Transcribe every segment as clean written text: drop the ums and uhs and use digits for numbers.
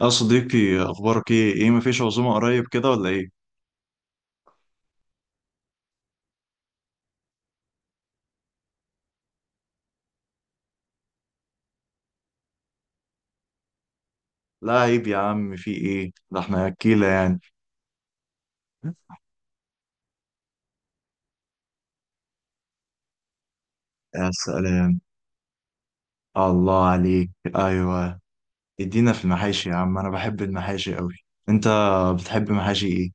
يا صديقي، اخبارك ايه؟ ايه، مفيش عزومه قريب كده ولا ايه؟ لا عيب يا عم، في ايه ده؟ احنا اكيله يعني. يا سلام. الله عليك. ايوه. ادينا في المحاشي يا عم، انا بحب المحاشي قوي. انت بتحب محاشي ايه؟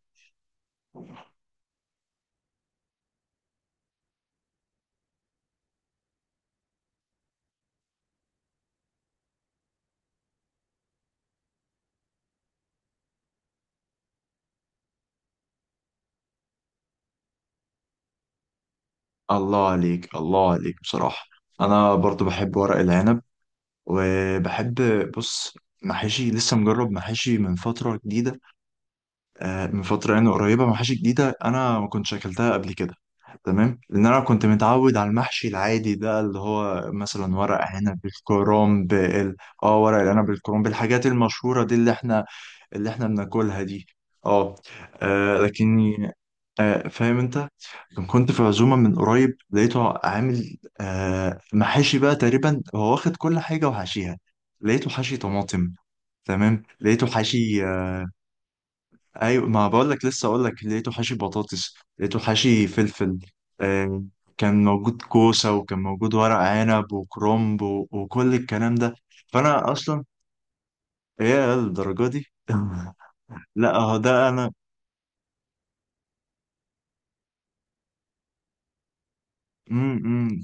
الله عليك، الله عليك، بصراحه. انا برضو بحب ورق العنب، وبحب. بص، محاشي لسه مجرب محاشي من فتره جديده. من فتره يعني قريبه، محاشي جديده انا ما كنتش اكلتها قبل كده. تمام، لان انا كنت متعود على المحشي العادي ده، اللي هو مثلا ورق عنب بالكرنب اه ورق العنب بالكرنب، الحاجات المشهوره دي اللي احنا، اللي احنا بناكلها دي. اه. لكن، فاهم انت؟ كنت في عزومه من قريب، لقيته عامل محاشي بقى، تقريبا هو واخد كل حاجه وحاشيها. لقيته حاشي طماطم. تمام، لقيته حاشي. ايوه، ما بقول لك، لسه اقول لك، لقيته حاشي بطاطس، لقيته حاشي فلفل. آه كان موجود كوسه، وكان موجود ورق عنب وكرنب وكل الكلام ده. فانا اصلا، ايه الدرجه دي؟ لا هو ده انا. امم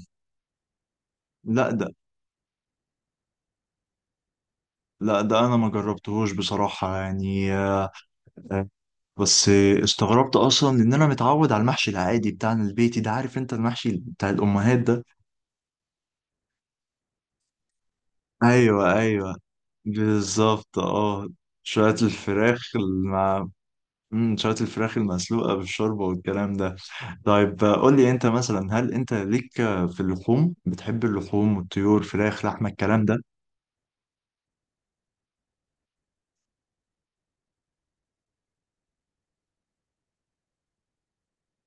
لا ده لا ده انا ما جربتهوش بصراحه، يعني آه، بس، استغربت اصلا ان انا متعود على المحشي العادي بتاعنا البيتي ده، عارف انت المحشي بتاع الامهات ده. ايوه، ايوه. بالظبط، اه. شوية الفراخ شوية الفراخ المسلوقة بالشوربة والكلام ده. طيب، قول لي انت مثلا، هل انت ليك في اللحوم؟ بتحب اللحوم والطيور، فراخ لحمة الكلام ده؟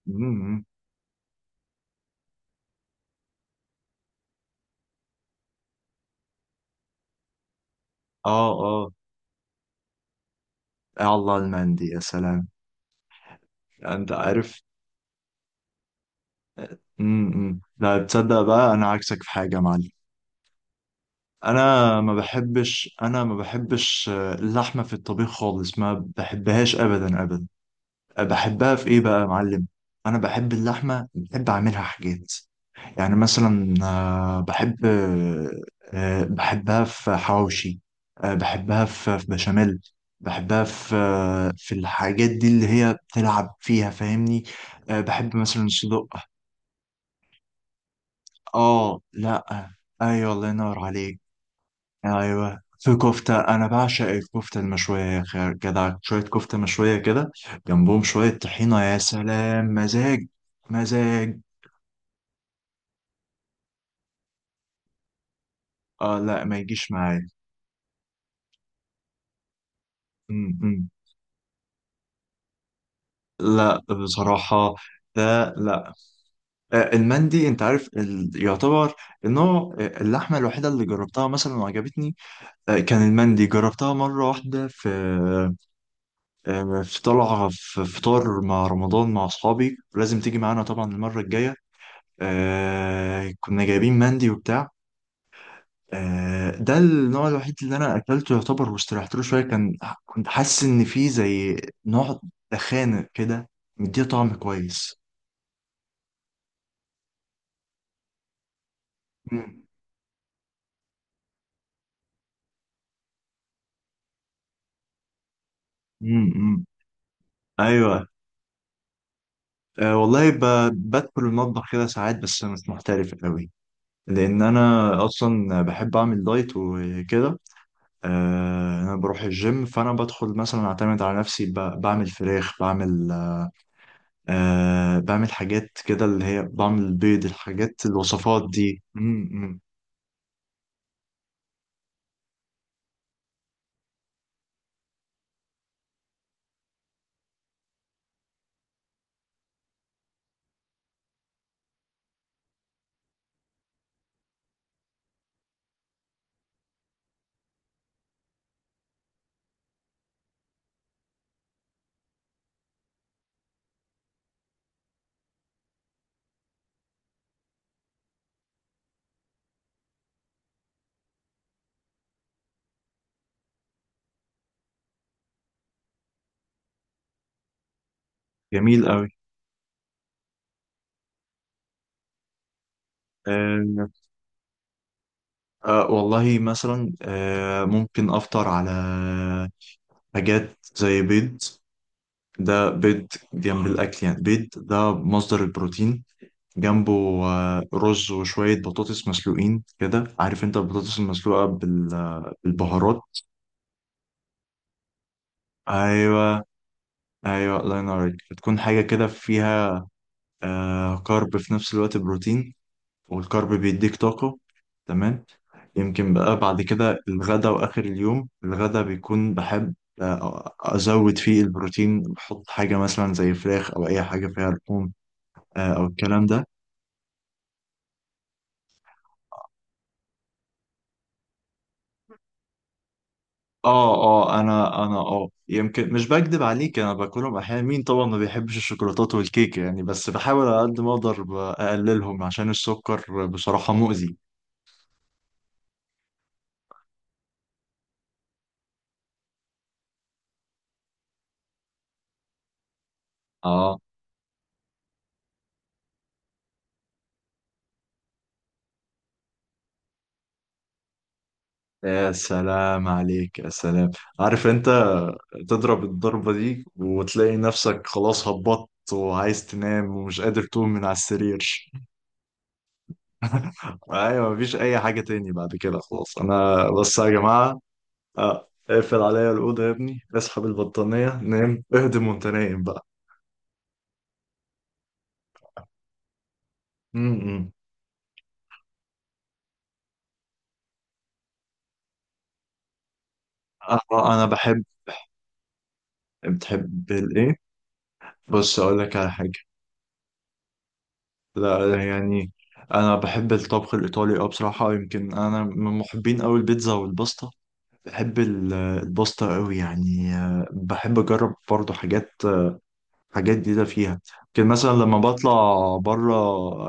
مم. اه، اه. يا الله، المندي يا سلام. انت عارف. لا، تصدق بقى انا عكسك في حاجة يا معلم. انا ما بحبش اللحمة في الطبيخ خالص، ما بحبهاش ابدا ابدا. بحبها في ايه بقى يا معلم؟ انا بحب اللحمه، بحب اعملها حاجات. يعني مثلا، بحب، بحبها في حواوشي، بحبها في بشاميل، بحبها في في الحاجات دي اللي هي بتلعب فيها، فاهمني. بحب مثلا صدق. اه لا. ايوه، الله ينور عليك. ايوه، في كفته، انا بعشق الكفته المشويه يا اخي، جدع شويه كفته مشويه كده، جنبهم شويه طحينه، يا سلام مزاج، مزاج. اه لا، ما يجيش معايا. م- م. لا بصراحه، ده لا. المندي انت عارف يعتبر النوع، اللحمه الوحيده اللي جربتها مثلا وعجبتني، كان المندي. جربتها مره واحده في، في طلعه في فطار مع رمضان مع اصحابي. لازم تيجي معانا طبعا المره الجايه. كنا جايبين مندي وبتاع. ده النوع الوحيد اللي انا اكلته يعتبر، واستريحت له شويه. كان كنت حاسس ان فيه زي نوع دخانه كده، مديه طعم كويس. مم. مم. مم. ايوه. والله، بدخل المطبخ كده ساعات بس مش محترف قوي، لان انا اصلا بحب اعمل دايت وكده. انا بروح الجيم، فانا بدخل مثلا اعتمد على نفسي، بعمل فراخ، بعمل حاجات كده اللي هي، بعمل بيض، الحاجات الوصفات دي. جميل قوي. أه أه، والله مثلا ممكن افطر على حاجات زي بيض، ده بيض جنب الاكل يعني، بيض ده مصدر البروتين، جنبه رز وشوية بطاطس مسلوقين كده، عارف انت البطاطس المسلوقة بالبهارات. ايوه، ايوه، الله ينور عليك، بتكون حاجة كده فيها كارب في نفس الوقت بروتين، والكارب بيديك طاقة. تمام. يمكن بقى بعد كده، الغدا وآخر اليوم، الغدا بيكون بحب أزود فيه البروتين، بحط حاجة مثلا زي فراخ أو أي حاجة فيها لحوم، أو الكلام ده. اه، اه، انا يمكن مش بكدب عليك، انا باكلهم احيانا. مين طبعا ما بيحبش الشوكولاتات والكيك يعني؟ بس بحاول على قد ما اقدر اقللهم، عشان السكر بصراحة مؤذي. اه، يا سلام عليك، يا سلام. عارف انت، تضرب الضربة دي وتلاقي نفسك خلاص هبطت، وعايز تنام ومش قادر تقوم من على السرير. ايوه، مفيش اي حاجة تاني بعد كده، خلاص انا بس يا جماعة اقفل عليا الأوضة يا ابني، اسحب البطانية، نام اهدم وانت نايم بقى. امم انا بحب. بتحب الايه؟ بص اقول لك على حاجة. لا يعني، انا بحب الطبخ الايطالي، اه بصراحة، يمكن انا من محبين قوي البيتزا والباستا. بحب الباستا قوي، يعني بحب اجرب برضو حاجات، حاجات جديده فيها. لكن مثلا لما بطلع بره،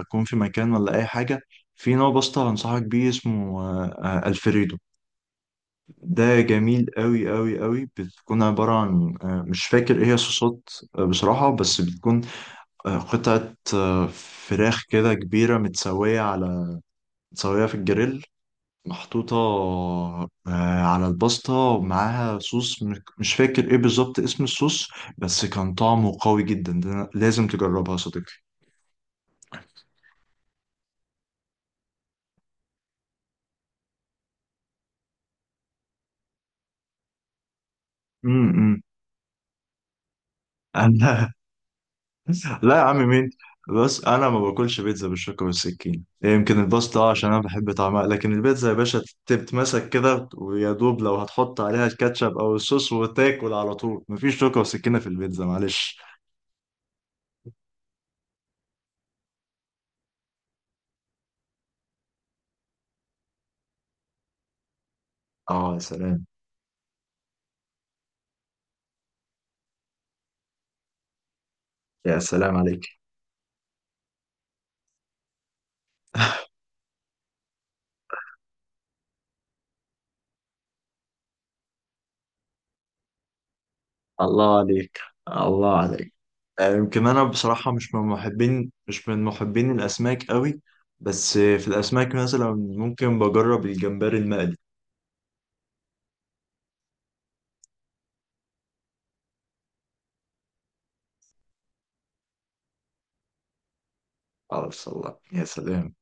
اكون في مكان ولا اي حاجه، في نوع باستا هنصحك بيه اسمه الفريدو. ده جميل قوي قوي قوي، بتكون عباره عن مش فاكر ايه هي الصوصات. بصراحه، بس بتكون قطعه فراخ كده كبيره، متسويه في الجريل، محطوطة على الباستا، ومعاها صوص مش فاكر ايه بالظبط اسم الصوص، بس كان طعمه قوي جدا. ده أنا لازم تجربها يا صديقي. امم انا. لا يا عم مين، بس انا ما باكلش بيتزا بالشوكة والسكينة، إيه، يمكن الباستا عشان انا بحب طعمها، لكن البيتزا يا باشا تتمسك كده، ويا دوب لو هتحط عليها الكاتشب او الصوص وتاكل على طول، مفيش شوكة وسكينة في البيتزا معلش. اه، يا سلام، يا سلام عليك. الله عليك، الله عليك. يمكن انا بصراحه، مش من محبين الاسماك قوي. بس في الاسماك مثلا، ممكن بجرب الجمبري المقلي. اه، الله يا سلام.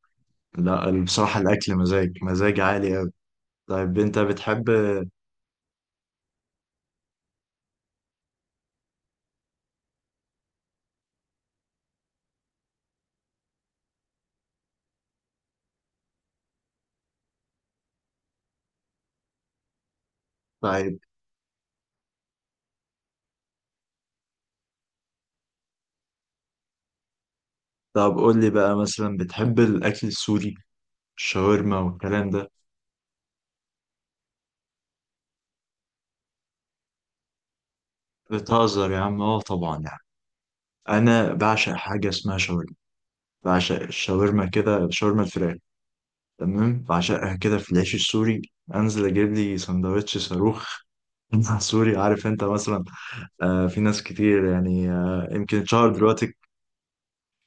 لا بصراحه الاكل مزاج، مزاج عالي قوي. طيب انت بتحب. طيب، قول لي بقى مثلا، بتحب الاكل السوري؟ الشاورما والكلام ده؟ بتهزر يا عم، اه طبعا يعني. انا بعشق حاجه اسمها شاورما، بعشق الشاورما كده، شاورما الفراخ. تمام، بعشقها كده في العيش السوري. انزل اجيب لي سندوتش صاروخ. سوري، عارف انت مثلا، آه في ناس كتير يعني، آه يمكن اتشهر دلوقتي.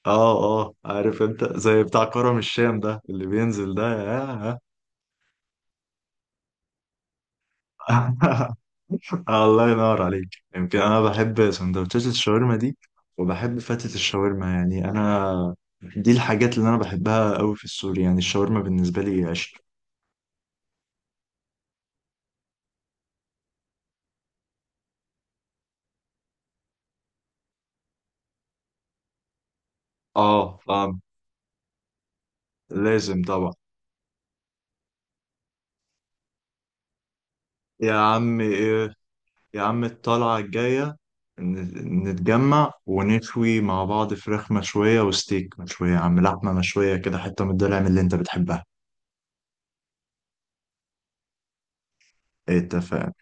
اه، اه، عارف انت، زي بتاع كرم الشام ده اللي بينزل ده، يا. الله ينور عليك. يمكن انا بحب سندوتشات الشاورما دي، وبحب فتة الشاورما. يعني انا، دي الحاجات اللي انا بحبها قوي في السوري، يعني الشاورما بالنسبة لي عشق. اه طبعا. لازم طبعا. يا عمي، إيه؟ يا عم الطلعة الجاية، نتجمع ونشوي مع بعض، فراخ مشوية وستيك مشوية يا عم، لحمة مشوية كده، حتة من الضلع من اللي انت بتحبها. اتفق.